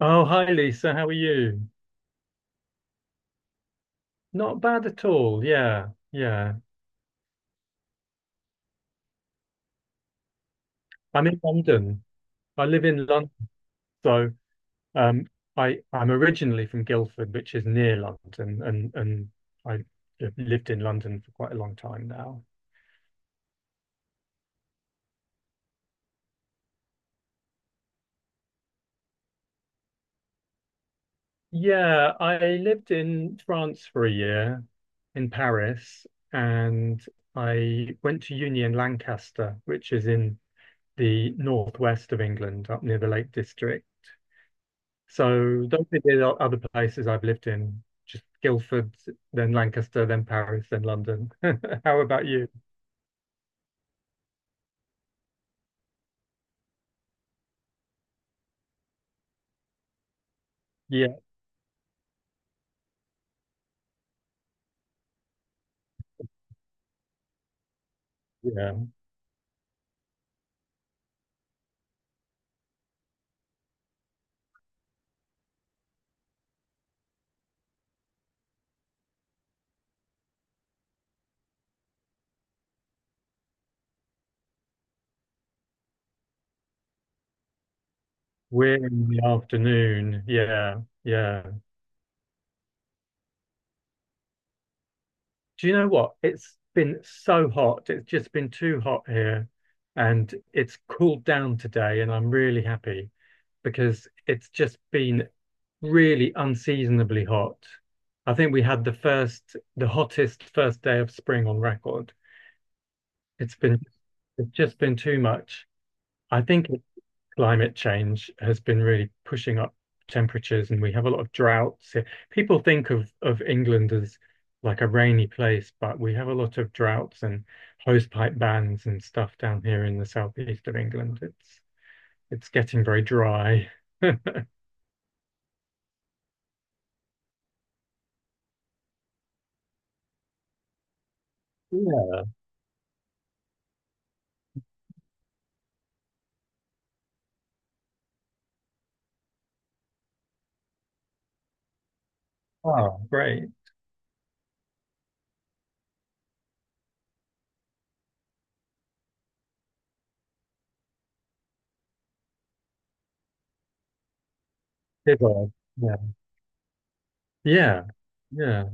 Oh, hi Lisa, how are you? Not bad at all. Yeah, yeah. I'm in London. I live in London, so um, I I'm originally from Guildford, which is near London, and I have lived in London for quite a long time now. Yeah, I lived in France for a year, in Paris, and I went to uni in Lancaster, which is in the northwest of England, up near the Lake District. So those are the other places I've lived in, just Guildford, then Lancaster, then Paris, then London. How about you? Yeah, yeah. We're in the afternoon. Yeah, yeah. Do you know what? It's been so hot. It's just been too hot here. And it's cooled down today, and I'm really happy because it's just been really unseasonably hot. I think we had the first, the hottest first day of spring on record. It's been it's just been too much. I think climate change has been really pushing up temperatures, and we have a lot of droughts here. People think of England as like a rainy place, but we have a lot of droughts and hosepipe bans and stuff down here in the southeast of England. It's getting very dry. Yeah. Oh, great. It was. Yeah. Yeah. Yeah.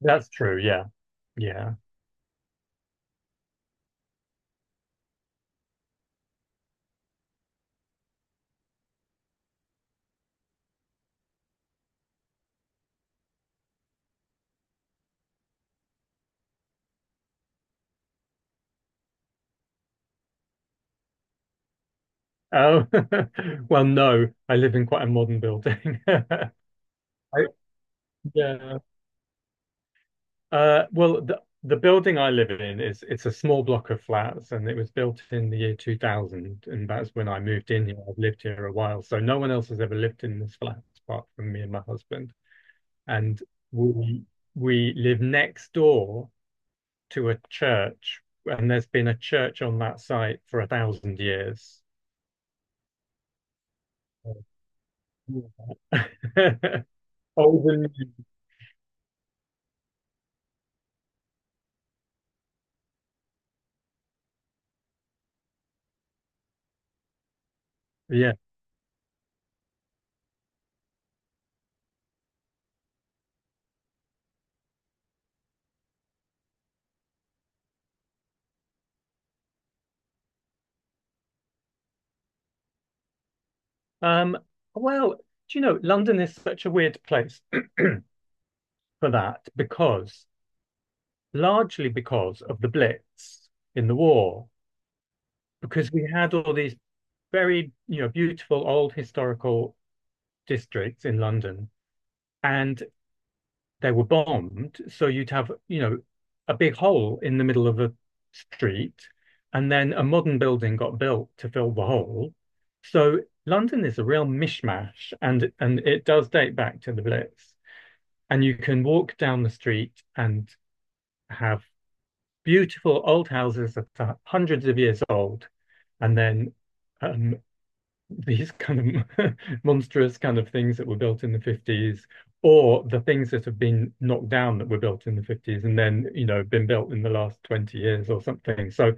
That's true. Yeah. Yeah. Oh, well, no, I live in quite a modern building. I, yeah. Well, the building I live in is it's a small block of flats, and it was built in the year 2000, and that's when I moved in here. I've lived here a while, so no one else has ever lived in this flat apart from me and my husband. And we we live next door to a church, and there's been a church on that site for 1,000 years. Older, yeah. Um, well, do you know, London is such a weird place for that because largely because of the Blitz in the war, because we had all these very beautiful old historical districts in London, and they were bombed. So you'd have a big hole in the middle of a street, and then a modern building got built to fill the hole. So London is a real mishmash, and it does date back to the Blitz. And you can walk down the street and have beautiful old houses that are hundreds of years old, and then um, these kind of monstrous kind of things that were built in the 50s, or the things that have been knocked down that were built in the 50s and then, been built in the last 20 years or something. So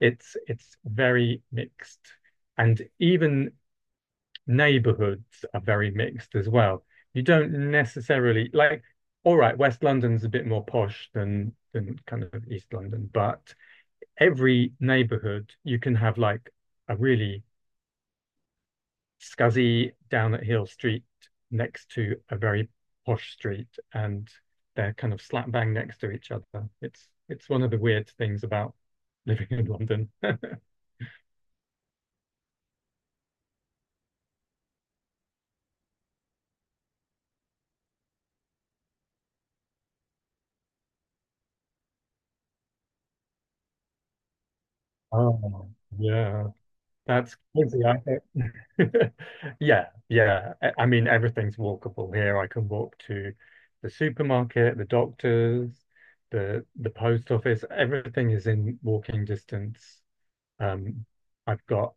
it's very mixed. And even neighborhoods are very mixed as well. You don't necessarily like, all right, West London's a bit more posh than kind of East London, but every neighborhood you can have like a really scuzzy down at heel street next to a very posh street and they're kind of slap bang next to each other. It's one of the weird things about living in London. Oh, yeah, that's crazy, I think. Yeah, yeah. I mean, everything's walkable here. I can walk to the supermarket, the doctors, the post office. Everything is in walking distance. Um, I've got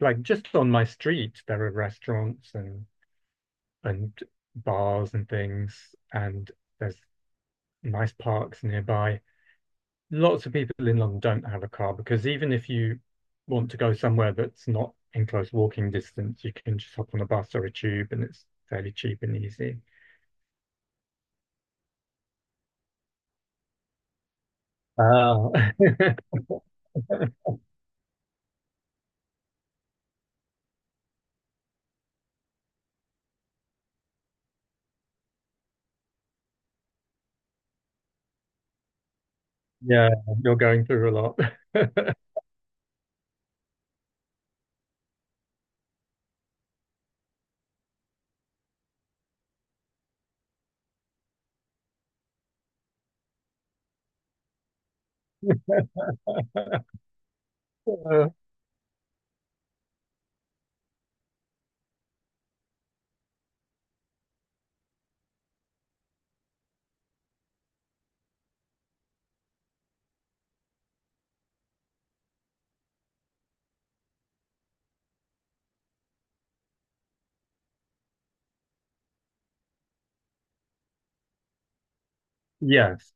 like just on my street there are restaurants and and bars and things, and there's nice parks nearby. Lots of people in London don't have a car because even if you want to go somewhere that's not in close walking distance, you can just hop on a bus or a tube and it's fairly cheap and easy. Oh, yeah, you're going through a lot. Uh, yes,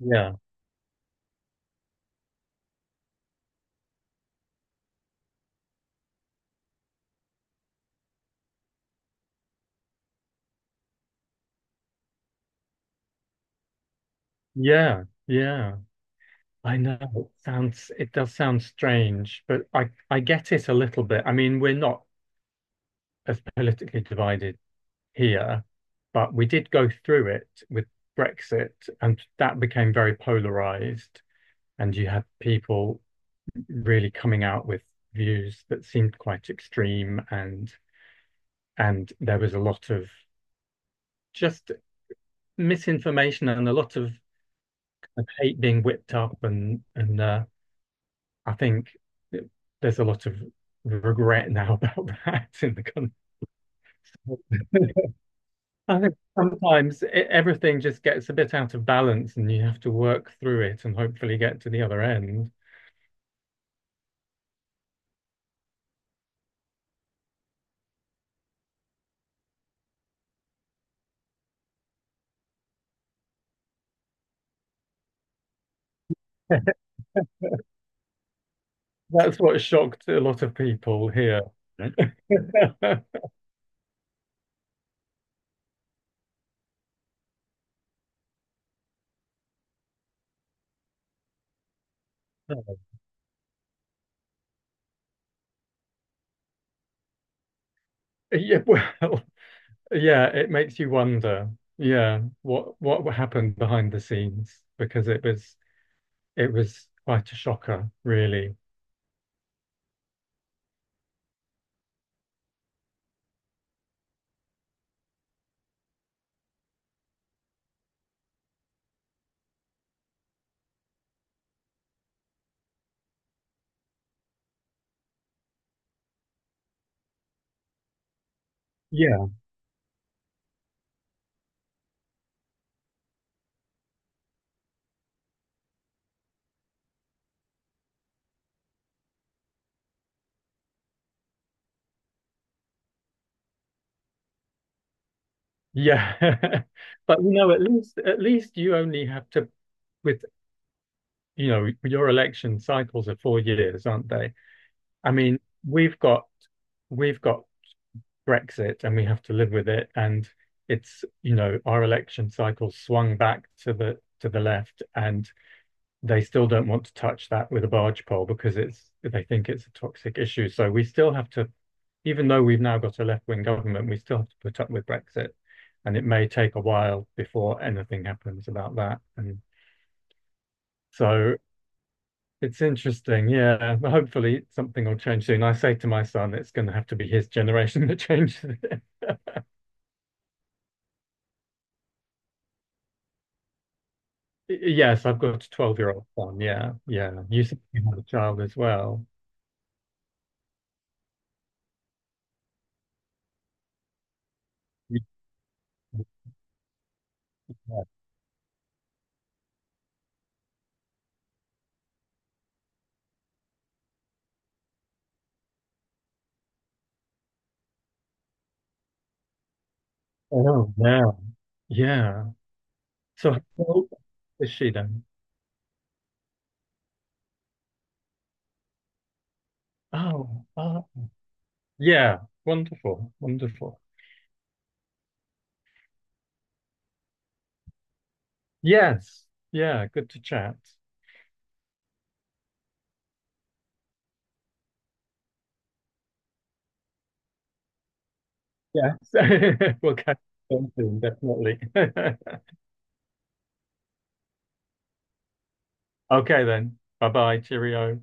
yeah, yeah, yeah. I know it does sound strange, but I get it a little bit. I mean, we're not as politically divided here, but we did go through it with Brexit, and that became very polarized, and you had people really coming out with views that seemed quite extreme, and there was a lot of just misinformation and a lot of hate being whipped up and I think th- there's a lot of regret now about that in the country. I think sometimes everything just gets a bit out of balance and you have to work through it and hopefully get to the other end. That's what shocked a lot of people here. Yeah, well, yeah, it makes you wonder, yeah, what happened behind the scenes because it was quite a shocker, really. Yeah. Yeah. But at least you only have to with your election cycles are 4 years, aren't they? I mean, we've got we've got Brexit and we have to live with it and it's our election cycle swung back to the left and they still don't want to touch that with a barge pole because it's they think it's a toxic issue. So we still have to even though we've now got a left-wing government, we still have to put up with Brexit, and it may take a while before anything happens about that. And so it's interesting, yeah. Hopefully something will change soon. I say to my son, it's going to have to be his generation that changes it. Yes, I've got a 12-year-old son. Yeah, yeah. You said you had a child as well. Yeah. Oh, yeah. Yeah. So how old is she then? Oh, yeah. Wonderful, wonderful. Yes. Yeah. Good to chat. Yes. We'll catch up soon, definitely. Okay then. Bye bye. Cheerio.